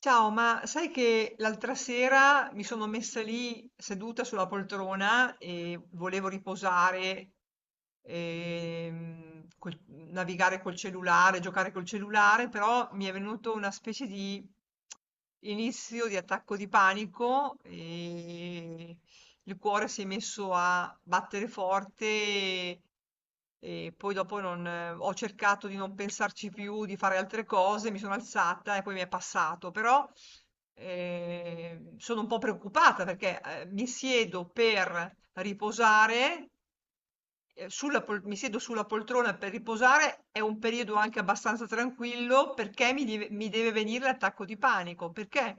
Ciao, ma sai che l'altra sera mi sono messa lì seduta sulla poltrona e volevo riposare, navigare col cellulare, giocare col cellulare, però mi è venuto una specie di inizio di attacco di panico e il cuore si è messo a battere forte e poi dopo non, ho cercato di non pensarci più, di fare altre cose, mi sono alzata e poi mi è passato, però sono un po' preoccupata perché mi siedo per riposare, mi siedo sulla poltrona per riposare, è un periodo anche abbastanza tranquillo perché mi deve venire l'attacco di panico, perché?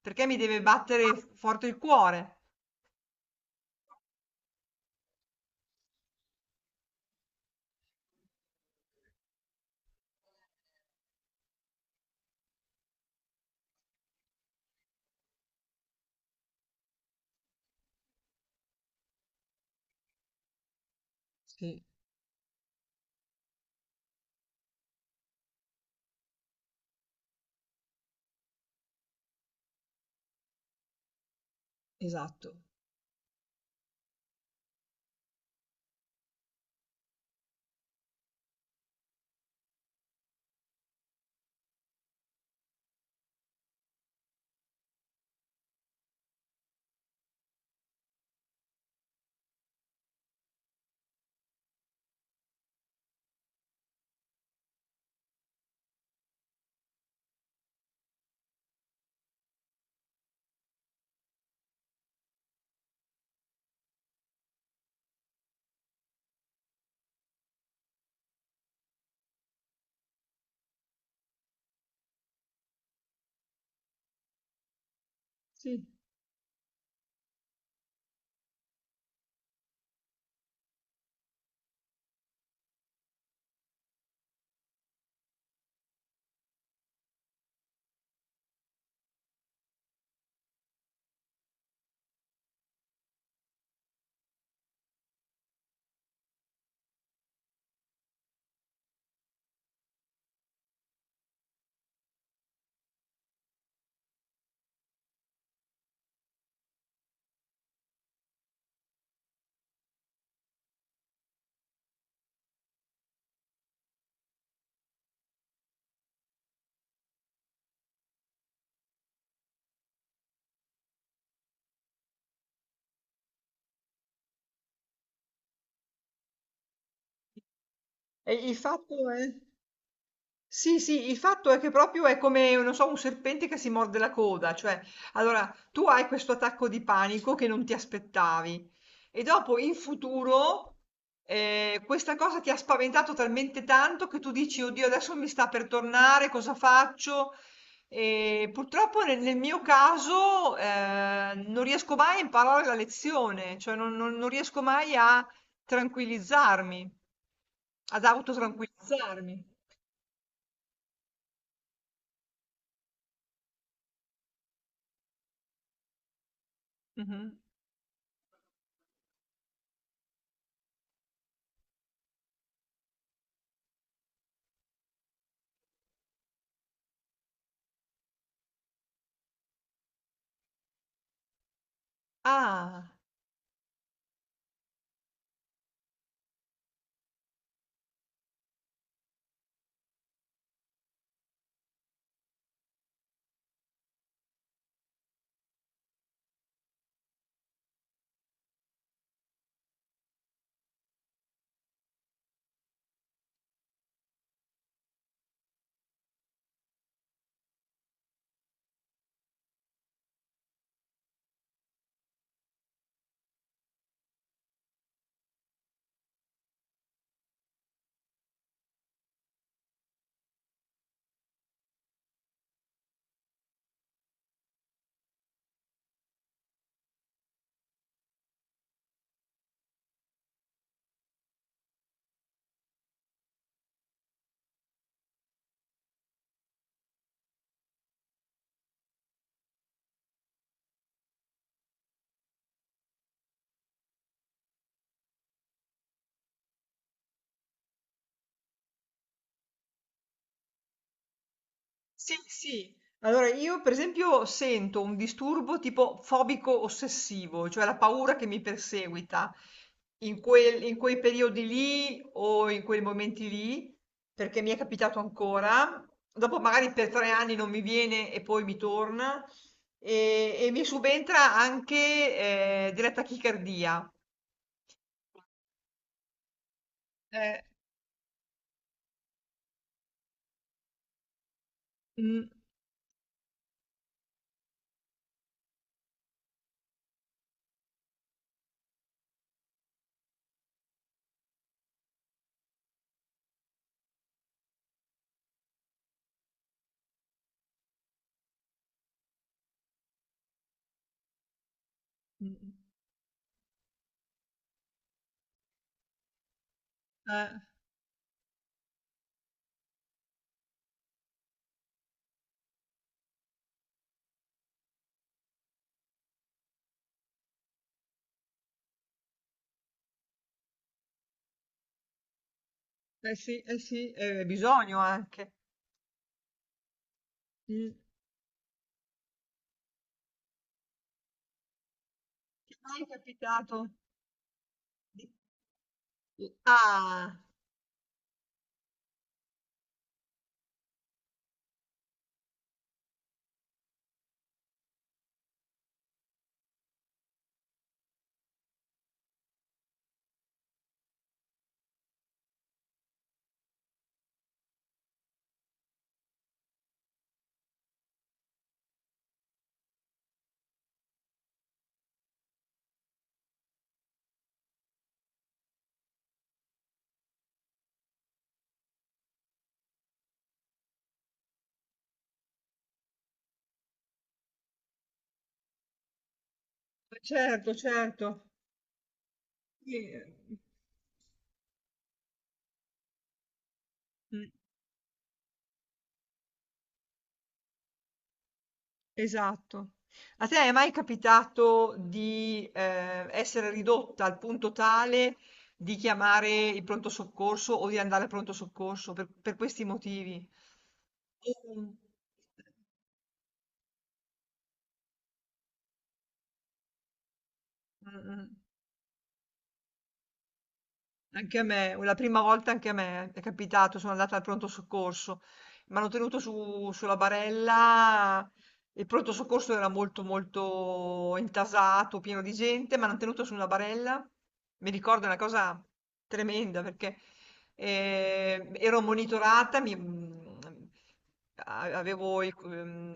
Perché mi deve battere forte il cuore. Sì. Esatto. Sì. E il fatto è... Sì, sì, il fatto è che proprio è come, non so, un serpente che si morde la coda, cioè, allora tu hai questo attacco di panico che non ti aspettavi e dopo in futuro questa cosa ti ha spaventato talmente tanto che tu dici, oddio, adesso mi sta per tornare, cosa faccio? E purtroppo nel mio caso non riesco mai a imparare la lezione, cioè non riesco mai a tranquillizzarmi, ad autotranquillizzarmi. Mhm. Ah, sì, sì. Allora io per esempio sento un disturbo tipo fobico ossessivo, cioè la paura che mi perseguita in quei periodi lì o in quei momenti lì, perché mi è capitato ancora. Dopo magari per 3 anni non mi viene e poi mi torna e mi subentra anche della tachicardia. Eh. Mm, mm. Eh, sì, eh sì, bisogno anche. Ti è mai capitato di... ah, ma certo, certo. Sì, mh, esatto. A te è mai capitato di essere ridotta al punto tale di chiamare il pronto soccorso o di andare al pronto soccorso per questi motivi? Mm, mm, mm. Anche a me, la prima volta anche a me è capitato, sono andata al pronto soccorso, mi hanno tenuto su- sulla barella, il pronto soccorso era molto molto intasato, pieno di gente, mi hanno tenuto su una barella, mi ricordo una cosa tremenda perché ero monitorata, avevo il-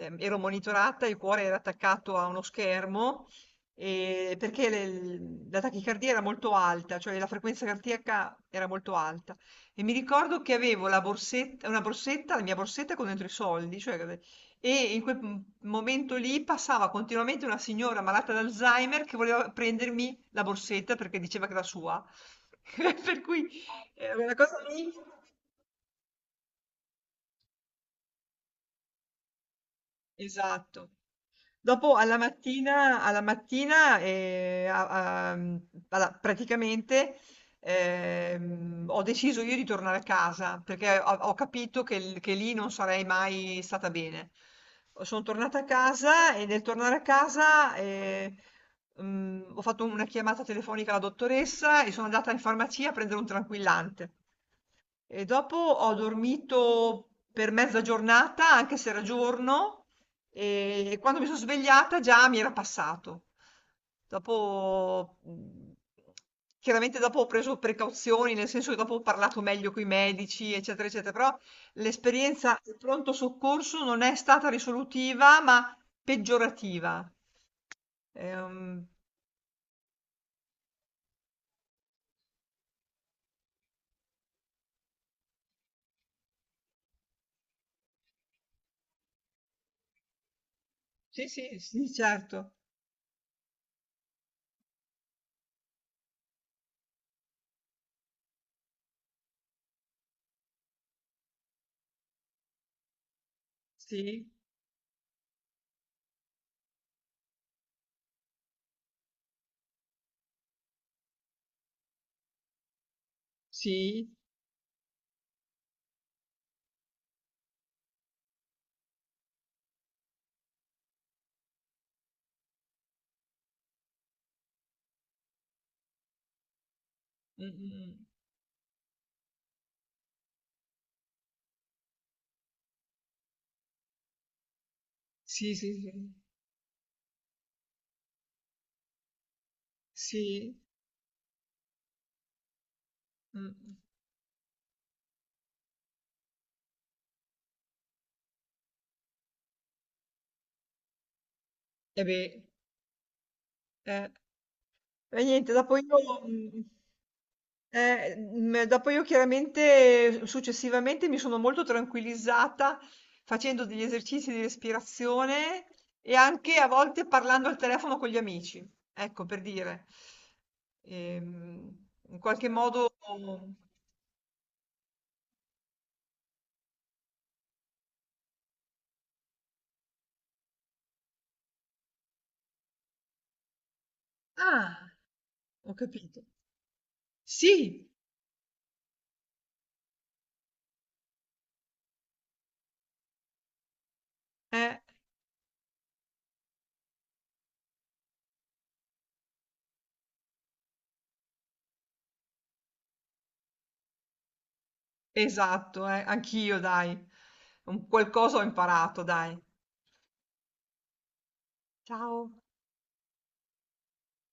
ehm, ero monitorata, il cuore era attaccato a uno schermo la tachicardia era molto alta, cioè la frequenza cardiaca era molto alta. E mi ricordo che avevo la borsetta, una borsetta, la mia borsetta con dentro i soldi, cioè, e in quel momento lì passava continuamente una signora malata d'Alzheimer che voleva prendermi la borsetta perché diceva che era sua. Per cui una cosa lì, esatto. Dopo alla mattina, a a mhmm, alla praticamente, ho deciso io di tornare a casa, perché ho capito che lì non sarei mai stata bene. Son tornata a casa e nel tornare a casa, ho fatto una chiamata telefonica alla dottoressa e sono andata in farmacia a prendere un tranquillante. E dopo ho dormito per mezza giornata, anche se era giorno, e quando mi sono svegliata già mi era passato. Dopo, chiaramente dopo ho preso precauzioni, nel senso che dopo ho parlato meglio con i medici, eccetera, eccetera, però l'esperienza del pronto soccorso non è stata risolutiva, ma peggiorativa. Ehm, sì, sì, sì, certo. Sì, sì. Mm, mm. Sì, sì, sì. Sì. Mm. E beh, eh. E niente, dopo io... mm, dopo io chiaramente successivamente mi sono molto tranquillizzata facendo degli esercizi di respirazione e anche a volte parlando al telefono con gli amici, ecco per dire. In qualche modo... Ah, ho capito. Sì, eh, esatto, anch'io, dai. Un qualcosa ho imparato, dai. Ciao.